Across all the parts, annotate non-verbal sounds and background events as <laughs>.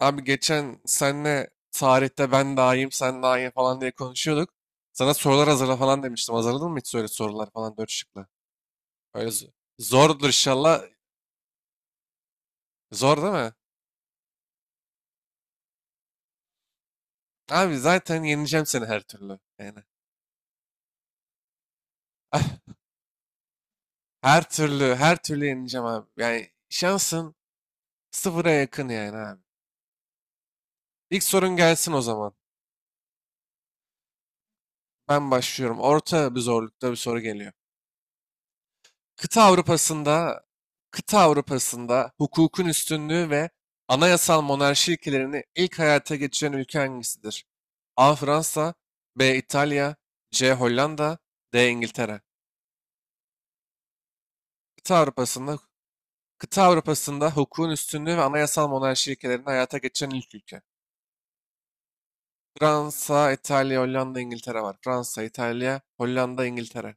Abi geçen senle tarihte ben daha iyiyim, sen daha iyi falan diye konuşuyorduk. Sana sorular hazırla falan demiştim. Hazırladın mı hiç öyle sorular falan dört şıklı? Öyle zordur inşallah. Zor değil mi? Abi zaten yeneceğim seni her türlü. Yani <laughs> ah, her türlü, her türlü yeneceğim abi. Yani şansın sıfıra yakın yani abi. İlk sorun gelsin o zaman. Ben başlıyorum. Orta bir zorlukta bir soru geliyor. Kıta Avrupa'sında, kıta Avrupa'sında hukukun üstünlüğü ve anayasal monarşi ilkelerini ilk hayata geçiren ülke hangisidir? A. Fransa, B. İtalya, C. Hollanda, D. İngiltere. Kıta Avrupa'sında, kıta Avrupa'sında hukukun üstünlüğü ve anayasal monarşi ilkelerini hayata geçiren ilk ülke. Fransa, İtalya, Hollanda, İngiltere var. Fransa, İtalya, Hollanda, İngiltere.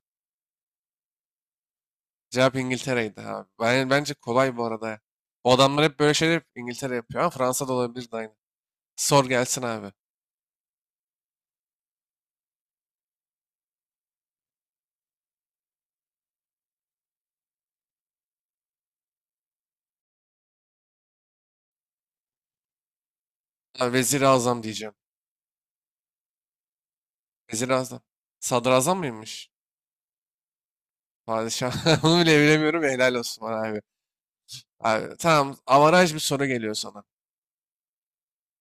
Cevap İngiltere'ydi abi. Bence kolay bu arada. O adamlar hep böyle şeyler İngiltere yapıyor ama Fransa da olabilirdi aynı. Sor gelsin abi. Ha, Vezir-i Azam diyeceğim. Vezir-i Azam. Sadrazam mıymış? Padişah. <laughs> Onu bile bilemiyorum. Ya, helal olsun bana abi. Abi, tamam. Avaraj bir soru geliyor sana.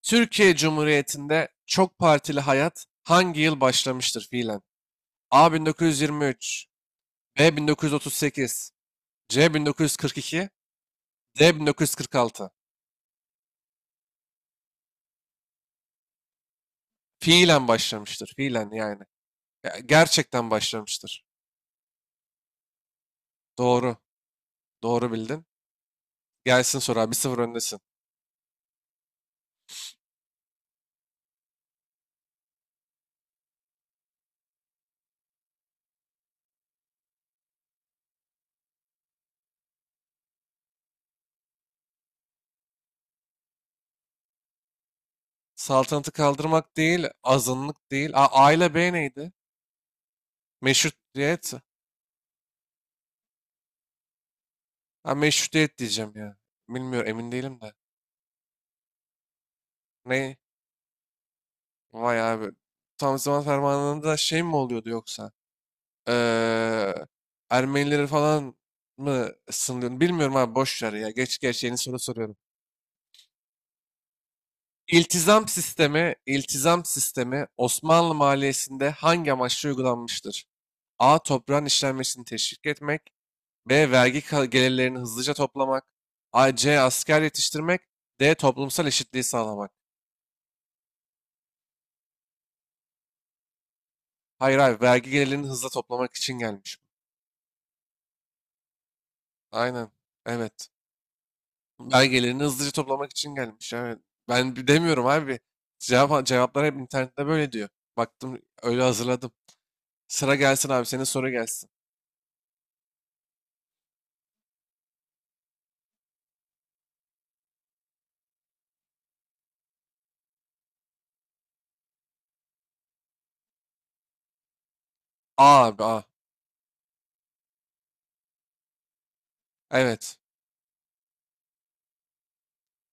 Türkiye Cumhuriyeti'nde çok partili hayat hangi yıl başlamıştır fiilen? A 1923, B 1938, C 1942, D 1946. Fiilen başlamıştır. Fiilen yani. Ya, gerçekten başlamıştır. Doğru. Doğru bildin. Gelsin soru abi. 1-0 öndesin. Saltanatı kaldırmak değil, azınlık değil. A, A ile B neydi? Meşrutiyet. Ha, meşrutiyet diyeceğim ya. Bilmiyorum, emin değilim de. Ne? Vay abi. Tam zaman fermanında şey mi oluyordu yoksa? Ee, Ermenileri falan mı sınırlıyordu? Bilmiyorum abi, boş ver ya. Geç geç, yeni soru soruyorum. İltizam sistemi Osmanlı maliyesinde hangi amaçla uygulanmıştır? A. Toprağın işlenmesini teşvik etmek. B. Vergi gelirlerini hızlıca toplamak. C. Asker yetiştirmek. D. Toplumsal eşitliği sağlamak. Hayır abi vergi gelirlerini hızla toplamak için gelmiş. Aynen. Evet. Vergi gelirini hızlıca toplamak için gelmiş. Evet. Ben demiyorum abi. Cevaplar hep internette böyle diyor. Baktım öyle hazırladım. Sıra gelsin abi senin soru gelsin. A abi A. Evet.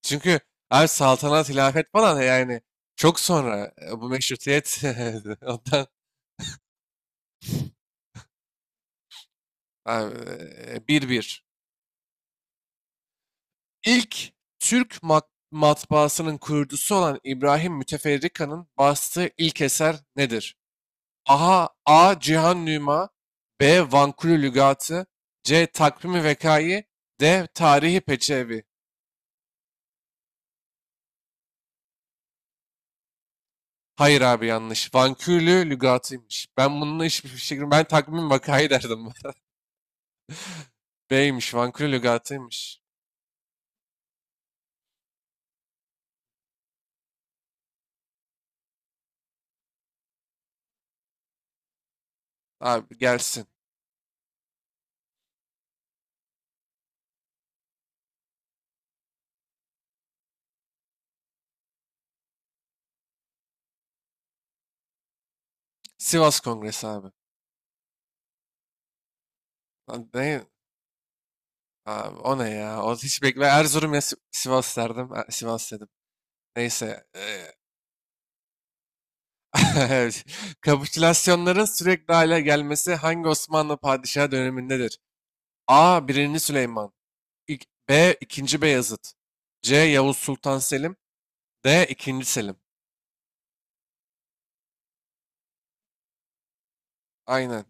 Çünkü abi saltanat, hilafet falan yani çok sonra bu meşrutiyet <laughs> ondan abi bir. 1 İlk Türk matbaasının kurucusu olan İbrahim Müteferrika'nın bastığı ilk eser nedir? Aha, A. Cihan Nüma B. Vankulü Lügatı C. Takvimi Vekayi D. Tarihi Peçevi. Hayır abi yanlış. Vankulü Lügatıymış. Ben bununla hiçbir fikrim. Ben Takvimi Vekayi derdim. <laughs> B'ymiş. Vankulü Lügatıymış. Abi gelsin. Sivas Kongresi abi. Lan ne? Abi, o ne ya? O hiç bekle. Erzurum ya Sivas derdim. Sivas dedim. Neyse. <laughs> Kapitülasyonların sürekli hale gelmesi hangi Osmanlı padişahı dönemindedir? A. birinci Süleyman B. ikinci Beyazıt C. Yavuz Sultan Selim D. ikinci Selim. Aynen.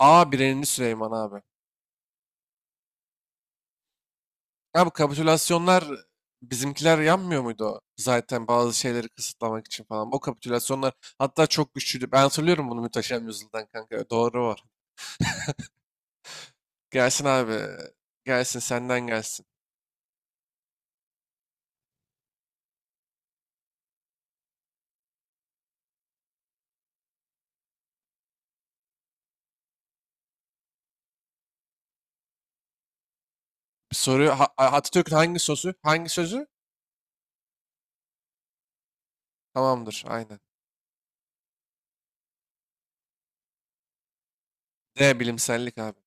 A. birinci Süleyman abi. Ya bu kapitülasyonlar bizimkiler yanmıyor muydu o? Zaten bazı şeyleri kısıtlamak için falan. O kapitülasyonlar hatta çok güçlüydü. Ben hatırlıyorum bunu Muhteşem Yüzyıl'dan kanka. Doğru var. Gelsin abi. Gelsin senden gelsin. Soru Atatürk'ün hangi sözü? Hangi sözü? Tamamdır. Aynen. D bilimsellik abi.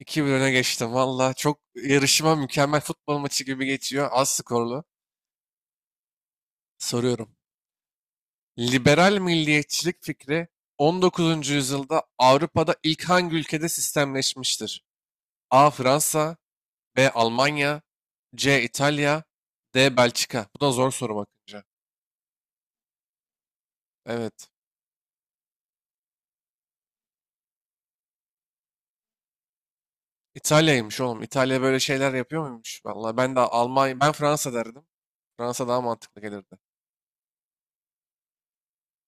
2-1 öne geçtim. Valla çok yarışma mükemmel futbol maçı gibi geçiyor. Az skorlu. Soruyorum. Liberal milliyetçilik fikri 19. yüzyılda Avrupa'da ilk hangi ülkede sistemleşmiştir? A. Fransa B. Almanya C. İtalya D. Belçika. Bu da zor soru bakınca. Evet. İtalya'ymış oğlum. İtalya böyle şeyler yapıyor muymuş? Vallahi ben de Almanya, ben Fransa derdim. Fransa daha mantıklı gelirdi.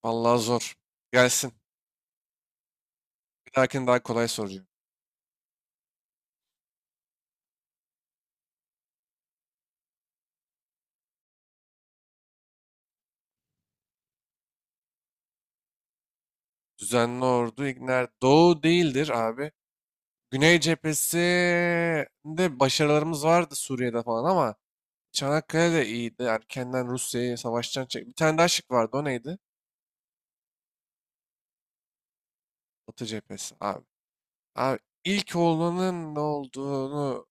Vallahi zor. Gelsin. Bir dahakini daha kolay soracağım. Düzenli ordu İgner. Doğu değildir abi. Güney cephesinde başarılarımız vardı Suriye'de falan ama Çanakkale de iyiydi. Erkenden Rusya'yı savaştan çek. Bir tane daha şık vardı. O neydi? Batı cephesi abi. Abi ilk olanın ne olduğunu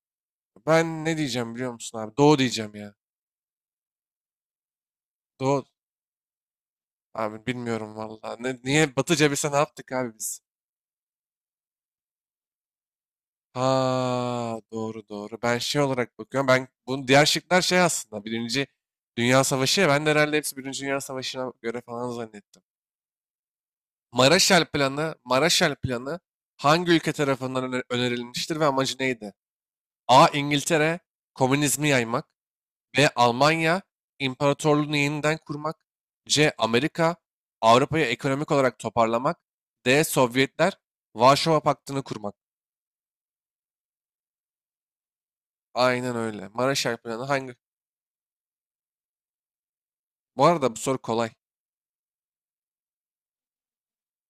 ben ne diyeceğim biliyor musun abi? Doğu diyeceğim ya. Doğu. Abi bilmiyorum valla. Ne, niye Batı cephesine ne yaptık abi biz? Ha doğru doğru. Ben şey olarak bakıyorum. Ben bunun diğer şıklar şey aslında. Birinci Dünya Savaşı. Ya, ben de herhalde hepsi Birinci Dünya Savaşı'na göre falan zannettim. Maraşal Planı hangi ülke tarafından önerilmiştir ve amacı neydi? A. İngiltere, komünizmi yaymak. B. Almanya imparatorluğunu yeniden kurmak. C. Amerika Avrupa'yı ekonomik olarak toparlamak. D. Sovyetler Varşova Paktı'nı kurmak. Aynen öyle. Marshall Planı hangi? Bu arada bu soru kolay.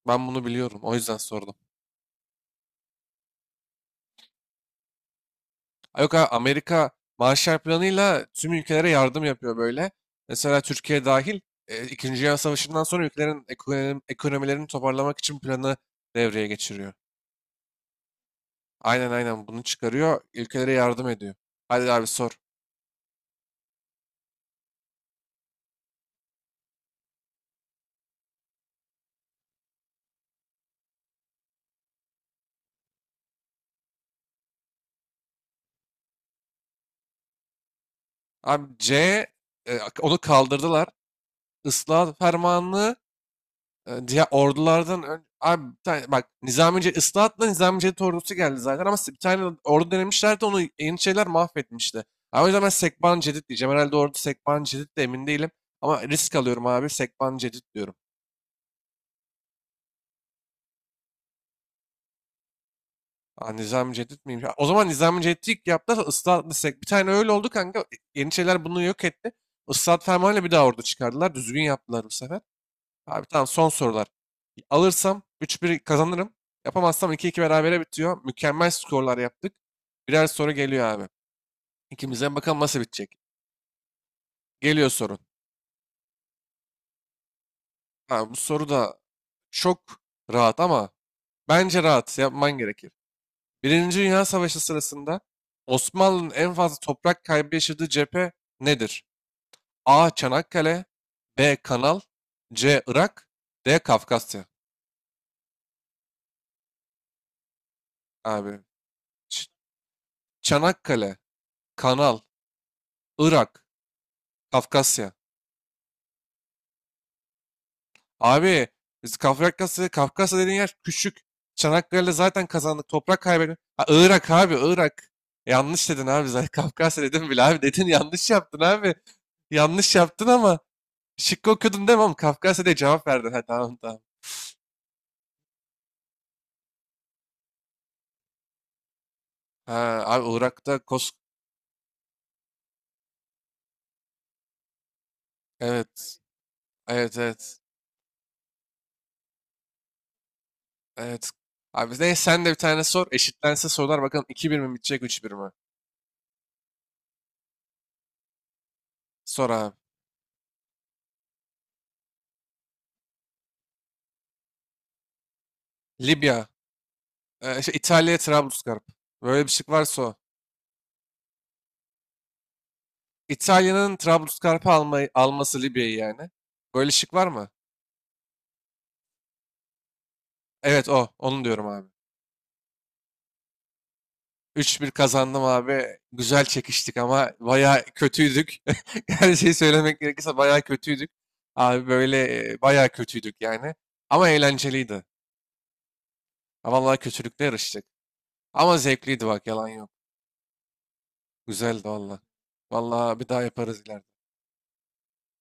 Ben bunu biliyorum. O yüzden sordum. Ay, yok abi, Amerika Marshall Planı'yla tüm ülkelere yardım yapıyor böyle. Mesela Türkiye dahil İkinci Dünya Savaşı'ndan sonra ülkelerin ekonomilerini toparlamak için planı devreye geçiriyor. Aynen aynen bunu çıkarıyor. Ülkelere yardım ediyor. Hadi abi sor. Abi C onu kaldırdılar. Islahat fermanını diğer ordulardan abi bir tane, bak Nizamiye ıslahatla Nizami Cevdet ordusu geldi zaten ama bir tane ordu denemişlerdi onu Yeniçeriler mahvetmişti. Abi o yüzden ben Sekban Cedid diyeceğim. Herhalde ordu Sekban Cedid de emin değilim. Ama risk alıyorum abi Sekban Cedid diyorum. Aa, Nizami Cedid miymiş? Ha, o zaman Nizami Cedid'i ilk yaptılar ıslahatla Sek. Bir tane öyle oldu kanka. Yeniçeriler bunu yok etti. Islahat fermanıyla bir daha ordu çıkardılar. Düzgün yaptılar bu sefer. Abi tamam son sorular. Alırsam 3-1 kazanırım. Yapamazsam 2-2 berabere bitiyor. Mükemmel skorlar yaptık. Birer soru geliyor abi. İkimizden bakalım nasıl bitecek. Geliyor sorun. Ha, bu soru da çok rahat ama bence rahat yapman gerekir. Birinci Dünya Savaşı sırasında Osmanlı'nın en fazla toprak kaybı yaşadığı cephe nedir? A. Çanakkale B. Kanal C. Irak D. Kafkasya. Abi Ç- Çanakkale, Kanal, Irak, Kafkasya. Abi biz Kafkasya dediğin yer küçük. Çanakkale'de zaten kazandık. Toprak kaybedin. Ha, Irak abi Irak. Yanlış dedin abi zaten. <laughs> Kafkasya dedim bile abi. Dedin yanlış yaptın abi. Yanlış yaptın ama şıkkı okudun değil mi oğlum? Kafkasya diye cevap verdin. Ha tamam tamam. Ha abi Irak'ta Kos... Evet. Evet evet. Evet. Abi ne sen de bir tane sor. Eşitlense sorular bakalım 2-1 mi bitecek 3-1 mi? Sor abi. Libya. Şey, İtalya Trablusgarp. Böyle bir şık varsa o. İtalya'nın Trablusgarp'ı almayı, alması Libya'yı yani. Böyle şık var mı? Evet o. Onu diyorum abi. 3-1 kazandım abi. Güzel çekiştik ama bayağı kötüydük. <laughs> Her şeyi söylemek gerekirse bayağı kötüydük. Abi böyle bayağı kötüydük yani. Ama eğlenceliydi. Ha, vallahi kötülükle yarıştık. Ama zevkliydi bak yalan yok. Güzeldi valla. Valla bir daha yaparız ileride.